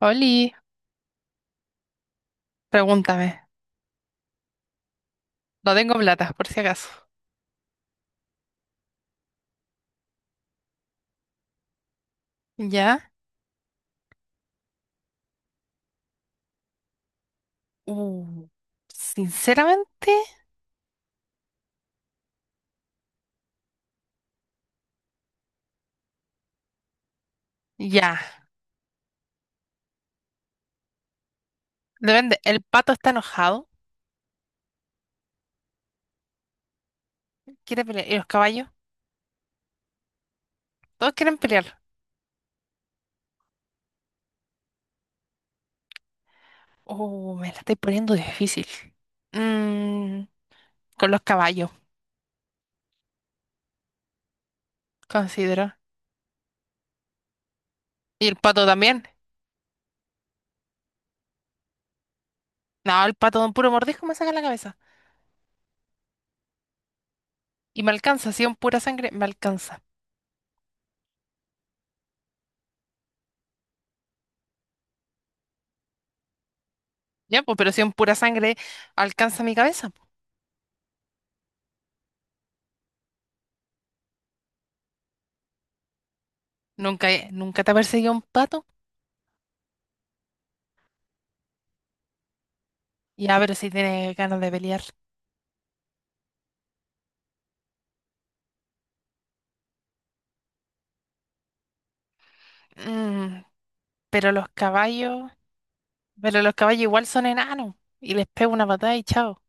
Oli, pregúntame. No tengo plata, por si acaso. ¿Ya? Sinceramente, ya. Depende. El pato está enojado. Quiere pelear. ¿Y los caballos? Todos quieren pelear. Oh, me la estoy poniendo difícil. Mm, con los caballos, considero. ¿Y el pato también? No, el pato de un puro mordisco me saca la cabeza. Y me alcanza. Si es en pura sangre, me alcanza. Ya, pues, pero si es en pura sangre, alcanza mi cabeza, pues. Nunca te ha perseguido un pato. Ya, pero si tiene ganas de pelear. Mm, Pero los caballos, igual son enanos. Y les pego una patada y chao.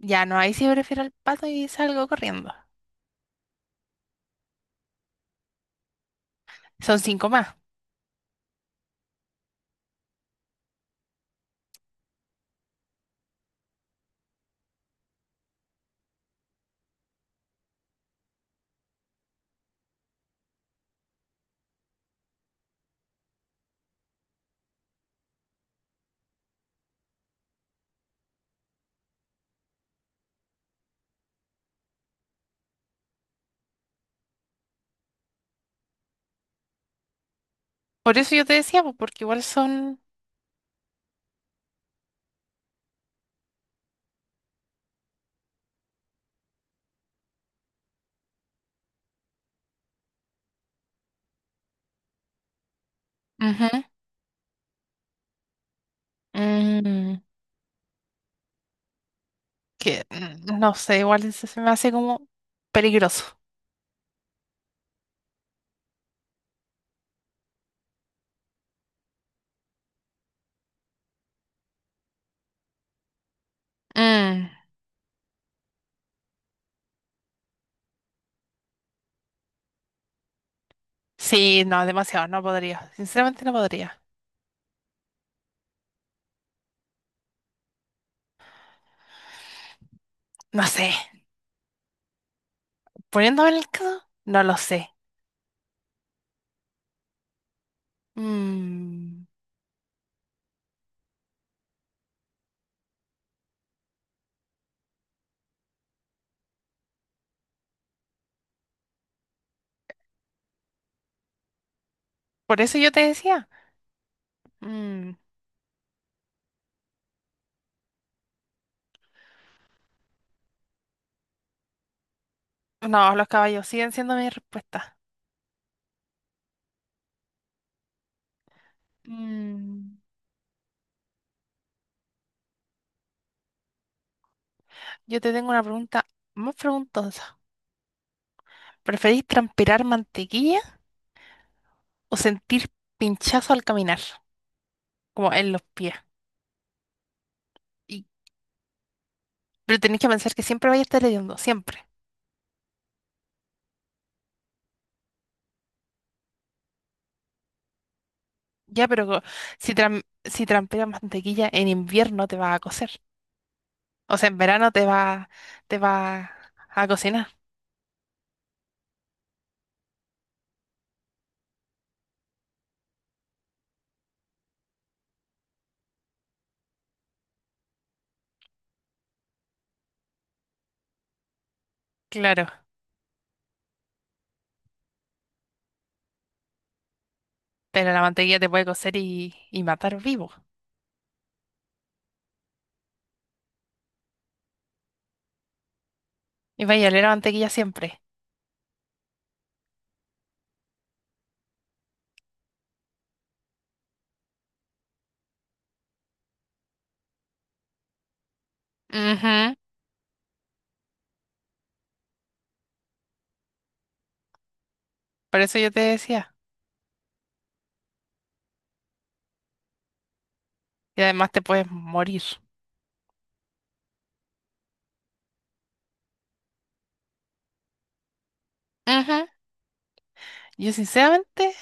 Ya no, ahí sí prefiero al pato y salgo corriendo. Son cinco más. Por eso yo te decía, pues, porque igual son. Ujú. Mm, no sé, igual se me hace como peligroso. Mm, sí, no, demasiado, no podría. Sinceramente no podría. No sé. Poniéndome en el caso, no lo sé. Mm, por eso yo te decía. Mm, no, los caballos siguen siendo mi respuesta. Mm, Yo te tengo una pregunta más preguntosa. ¿Preferís transpirar mantequilla o sentir pinchazo al caminar, como en los pies? Y, pero tenéis que pensar que siempre vais a estar hediondo, siempre. Ya, si transpiras mantequilla en invierno te va a cocer. O sea, en verano te va a cocinar, claro. Pero la mantequilla te puede cocer y matar vivo. Y vais a oler a mantequilla siempre. Ujú. Por eso yo te decía. Y además te puedes morir. Ujú. Yo sinceramente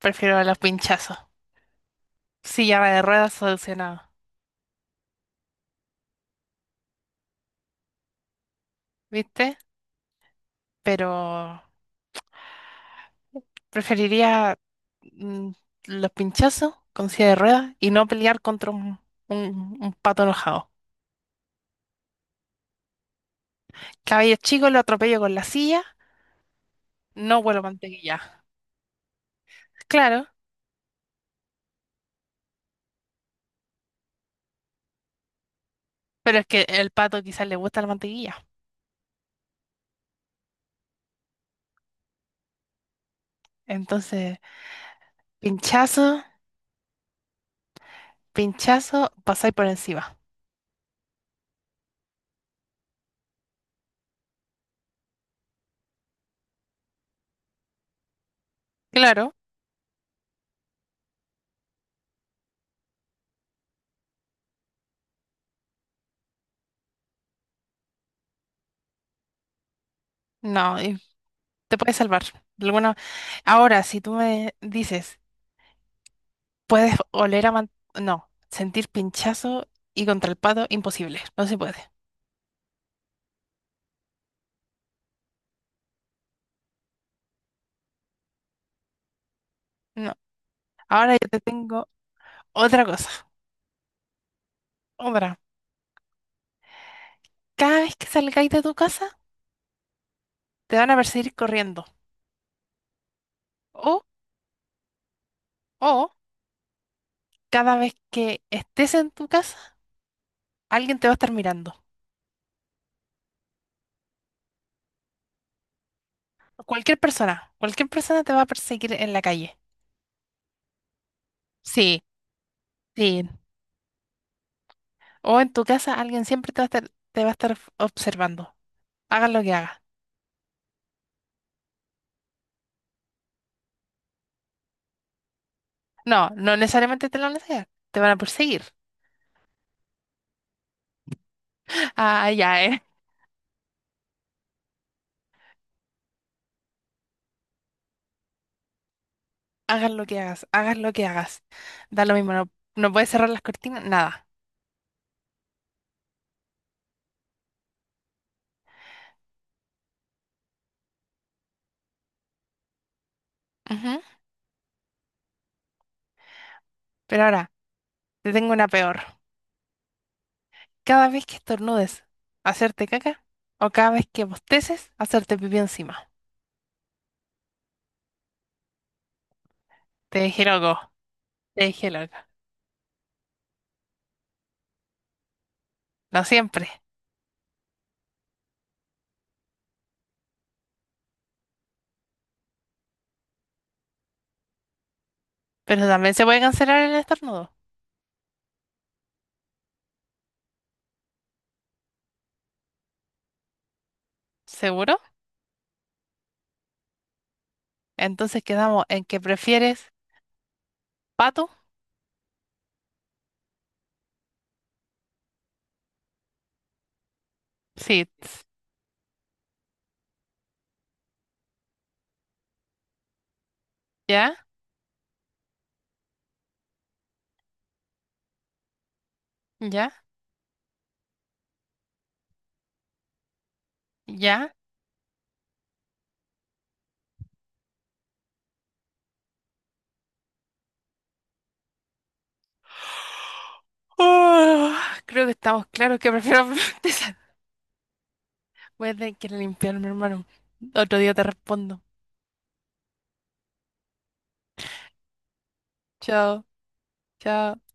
prefiero a los pinchazos. Silla de ruedas solucionado, ¿viste? Pero preferiría mm, los pinchazos con silla de ruedas y no pelear contra un pato enojado. Cabello chico lo atropello con la silla, no huelo mantequilla. Claro, pero es que el pato quizás le gusta la mantequilla. Entonces, pinchazo, pinchazo, pasáis por encima. Claro, no, y te puedes salvar. De alguna- Ahora, si tú me dices, Puedes oler a man- no, sentir pinchazo y contra el pato, imposible. No se puede. No. Ahora yo te tengo otra cosa. Otra. Cada vez que salgáis de tu casa, te van a perseguir corriendo. O, o cada vez que estés en tu casa, alguien te va a estar mirando. Cualquier persona. Cualquier persona te va a perseguir en la calle. Sí, sí. O en tu casa, alguien siempre te va a estar observando. Hagas lo que hagas. No, no necesariamente te lo van a hacer. Te van a perseguir. Ah, ya, eh. Hagas lo que hagas, hagas lo que hagas. Da lo mismo, no, no puedes cerrar las cortinas, nada. Ujú. Pero ahora, te tengo una peor. Cada vez que estornudes, hacerte caca. O cada vez que bosteces, hacerte pipí encima. Te dije loco, te dije loca. No siempre. Pero también se puede cancelar el estornudo. ¿Seguro? Entonces quedamos en que prefieres pato. Sí. Ya, ya, ya. Oh, creo que estamos claros que prefiero desayunar. Voy a tener que ir a limpiarme, hermano. Otro día te respondo. Chao, chao.